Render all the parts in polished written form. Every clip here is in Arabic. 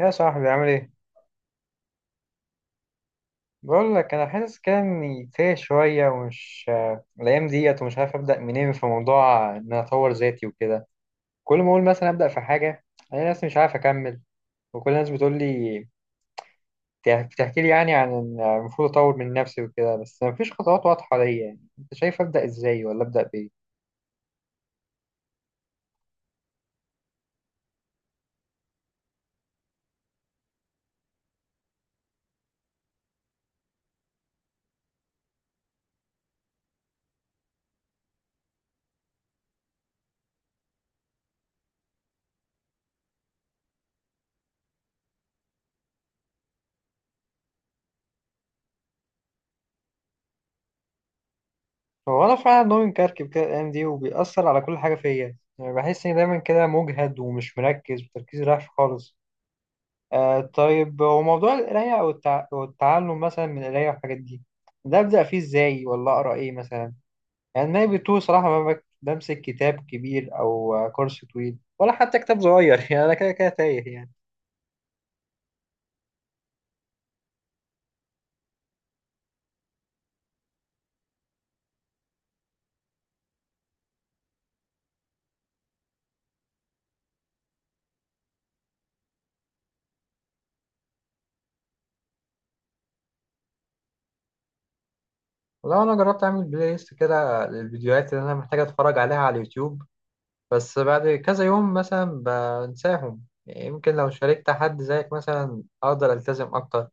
يا صاحبي، عامل ايه؟ بقول لك انا حاسس كده اني تايه شويه، ومش آه، الايام ديت ومش عارف ابدا منين في موضوع ان انا اطور ذاتي وكده. كل ما اقول مثلا ابدا في حاجه، انا نفسي مش عارف اكمل. وكل الناس بتقول لي بتحكي لي، يعني عن إن المفروض اطور من نفسي وكده، بس مفيش خطوات واضحه ليا. يعني انت شايف ابدا ازاي، ولا ابدا بايه؟ هو انا فعلا نومي مكركب كده الايام دي، وبيأثر على كل حاجه فيا. يعني بحس اني دايما كده مجهد ومش مركز، وتركيزي رايح خالص. آه طيب، وموضوع القراية والتعلم مثلا من القراية والحاجات دي، ده أبدأ فيه إزاي، ولا أقرأ إيه مثلا؟ يعني أنا بتوه صراحة، ما بك- بمسك كتاب كبير أو كورس طويل ولا حتى كتاب صغير يعني أنا كده كده تايه يعني. والله أنا جربت أعمل بلاي ليست كده للفيديوهات اللي أنا محتاج أتفرج عليها على اليوتيوب، بس بعد كذا يوم مثلا بنساهم. يعني يمكن لو شاركت حد زيك مثلا أقدر ألتزم أكتر.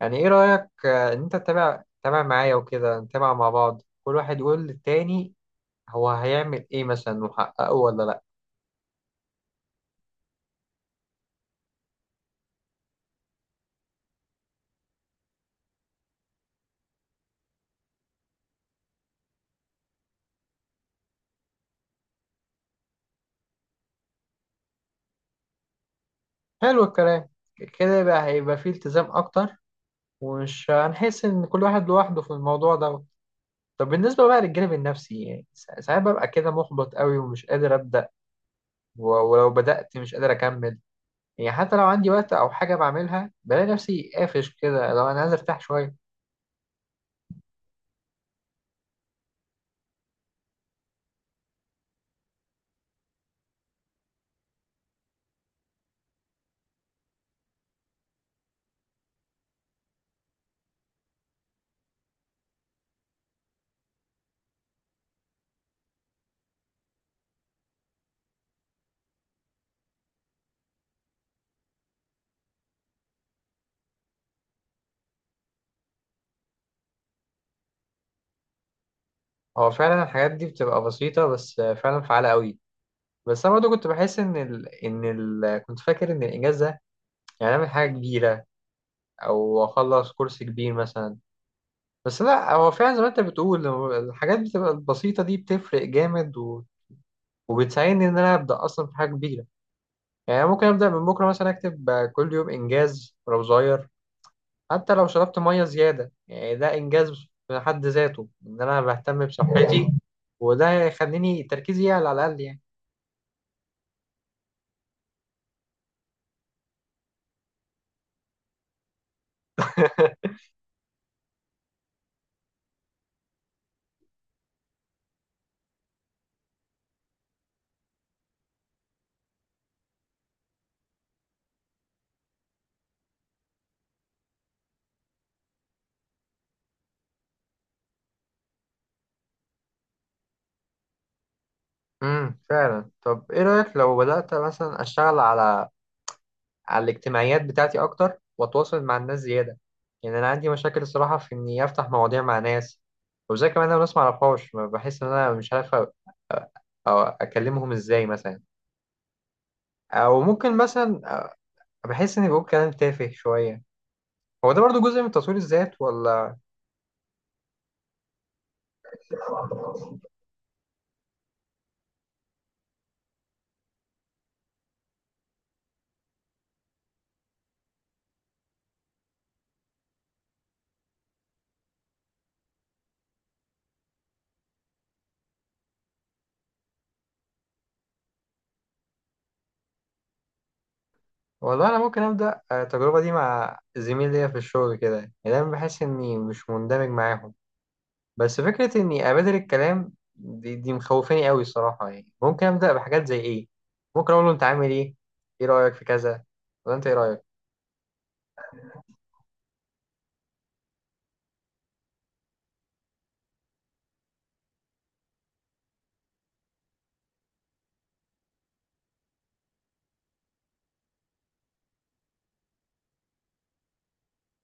يعني ايه رأيك ان انت تتابع معايا وكده، نتابع مع بعض، كل واحد يقول للتاني هو هيعمل ايه مثلا وحققه ولا لا. حلو الكلام. كده بقى هيبقى فيه التزام اكتر، ومش هنحس ان كل واحد لوحده في الموضوع ده. طب بالنسبة بقى للجانب النفسي، يعني ساعات ببقى كده محبط قوي ومش قادر أبدأ. و- ولو بدأت مش قادر أكمل. يعني حتى لو عندي وقت أو حاجة بعملها، بلاقي نفسي قافش كده، لو أنا عايز أرتاح شوية. هو فعلا الحاجات دي بتبقى بسيطة، بس فعلا فعالة قوي. بس انا برضه كنت بحس كنت فاكر ان الاجازه يعني اعمل حاجه كبيره، او اخلص كورس كبير مثلا. بس لا، هو فعلا زي ما انت بتقول، هو الحاجات بتبقى البسيطه دي بتفرق جامد، وبتساعدني ان انا ابدا اصلا في حاجه كبيره. يعني أنا ممكن ابدا من بكره مثلا اكتب كل يوم انجاز ولو صغير. حتى لو شربت ميه زياده يعني، ده انجاز في حد ذاته ان انا بهتم بصحتي، وده يخليني تركيزي يعلى على الاقل يعني. فعلا. طب ايه رأيك لو بدأت مثلا اشتغل على الاجتماعيات بتاعتي اكتر، واتواصل مع الناس زيادة؟ يعني انا عندي مشاكل الصراحة في اني افتح مواضيع مع ناس، وزي كمان انا ناس معرفهاش، ما بحس ان انا مش عارف أ- أو اكلمهم ازاي مثلا، او ممكن مثلا بحس اني بقول كلام تافه شوية. هو ده برضو جزء من تطوير الذات ولا؟ والله انا ممكن ابدأ التجربة دي مع زميل ليا في الشغل، كده يعني دايما بحس اني مش مندمج معاهم. بس فكرة إني أبادر الكلام دي مخوفاني قوي الصراحة. يعني ممكن أبدأ بحاجات زي إيه؟ ممكن أقول له أنت عامل إيه؟ إيه رأيك في كذا؟ ولا أنت إيه رأيك؟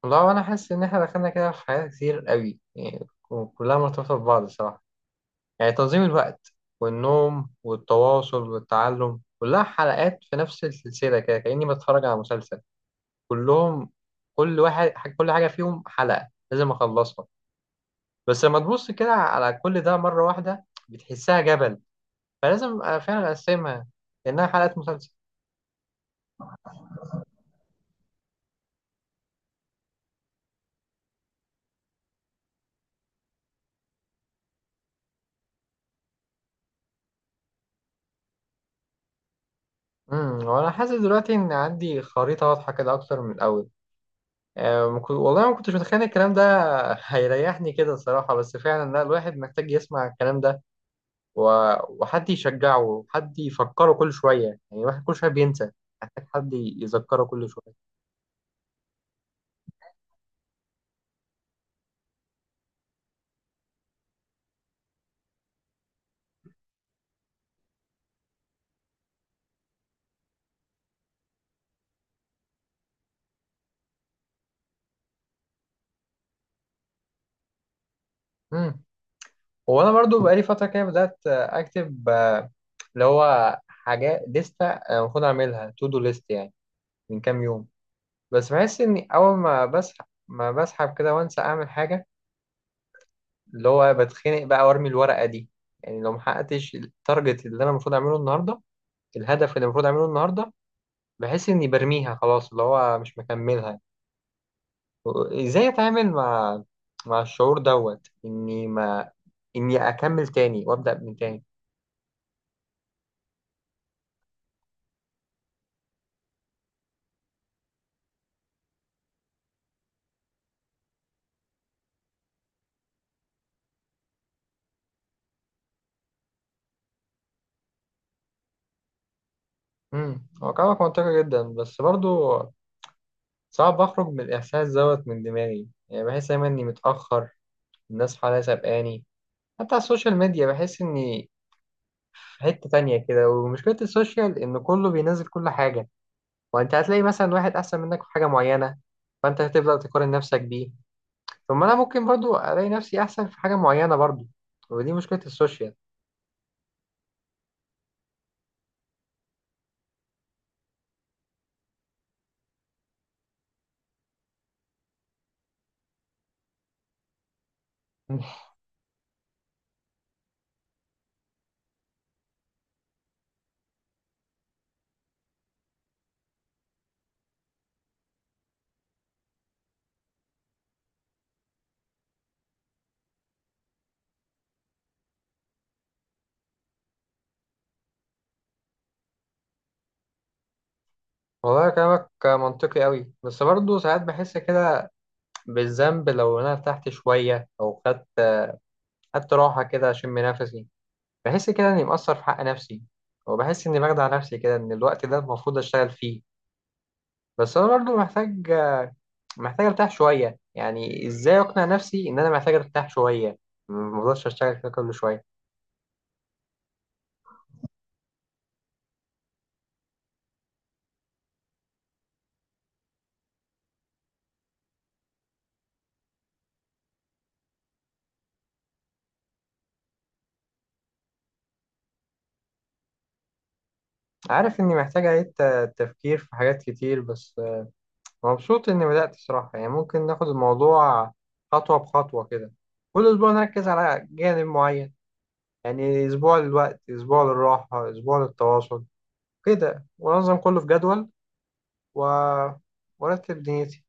والله أنا حاسس إن إحنا دخلنا كده في حاجات كتير قوي، يعني كلها مرتبطة ببعض الصراحة. يعني تنظيم الوقت والنوم والتواصل والتعلم، كلها حلقات في نفس السلسلة، كده كأني بتفرج على مسلسل. كلهم، كل واحد، كل حاجة فيهم حلقة لازم أخلصها. بس لما تبص كده على كل ده مرة واحدة، بتحسها جبل، فلازم أبقى فعلا أقسمها، لأنها حلقات مسلسل. وأنا حاسس دلوقتي إن عندي خريطة واضحة كده أكتر من الأول. أه ما كنت- والله ما كنتش متخيل الكلام ده هيريحني كده الصراحة. بس فعلا لا، الواحد محتاج يسمع الكلام ده، و... وحد يشجعه وحد يفكره كل شوية. يعني الواحد كل شوية بينسى، محتاج حد يذكره كل شوية. امم وأنا برضو بقالي فترة كده بدأت أكتب اللي هو حاجات لستة المفروض أعملها تو دو ليست يعني، من كام يوم. بس بحس اني اول ما بسحب كده وانسى اعمل حاجه، اللي هو بتخنق بقى وارمي الورقه دي. يعني لو ما حققتش التارجت اللي انا المفروض اعمله النهارده، الهدف اللي المفروض اعمله النهارده، بحس اني برميها خلاص، اللي هو مش مكملها. ازاي اتعامل مع الشعور دوت، اني ما اني اكمل تاني وابدا من تاني؟ هو كلامك منطقي جدا، بس برضو صعب اخرج من الاحساس دوت من دماغي. يعني بحس دايما اني متاخر، الناس حواليا سابقاني، حتى على السوشيال ميديا بحس إني في حتة تانية كده. ومشكلة السوشيال إن كله بينزل كل حاجة، وأنت هتلاقي مثلا واحد أحسن منك في حاجة معينة، فأنت هتبدأ تقارن نفسك بيه. طب ما أنا ممكن برضو ألاقي نفسي أحسن في حاجة معينة برضو، ودي مشكلة السوشيال. والله كلامك منطقي قوي، بس برضه ساعات بحس كده بالذنب لو انا ارتحت شويه، او خدت راحه كده اشم نفسي. بحس كده اني مقصر في حق نفسي، وبحس اني بخدع نفسي كده ان الوقت ده المفروض اشتغل فيه. بس انا برضه محتاج ارتاح شويه. يعني ازاي اقنع نفسي ان انا محتاج ارتاح شويه، ما اقدرش اشتغل كده كل شويه؟ عارف اني محتاج اعيد تفكير في حاجات كتير، بس مبسوط اني بدات صراحه. يعني ممكن ناخد الموضوع خطوه بخطوه كده، كل اسبوع نركز على جانب معين. يعني اسبوع للوقت، اسبوع للراحه، اسبوع للتواصل كده، وانظم كله في جدول، و... وارتب دنيتي.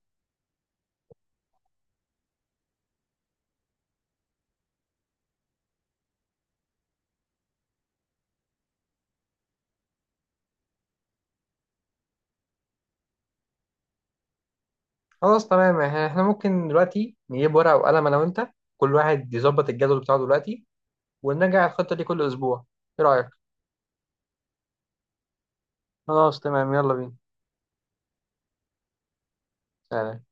خلاص تمام، يعني احنا ممكن دلوقتي نجيب ورقه وقلم، انا وانت، كل واحد يظبط الجدول بتاعه دلوقتي، ونراجع الخطة دي كل أسبوع. إيه رأيك؟ خلاص تمام، يلا بينا. سلام.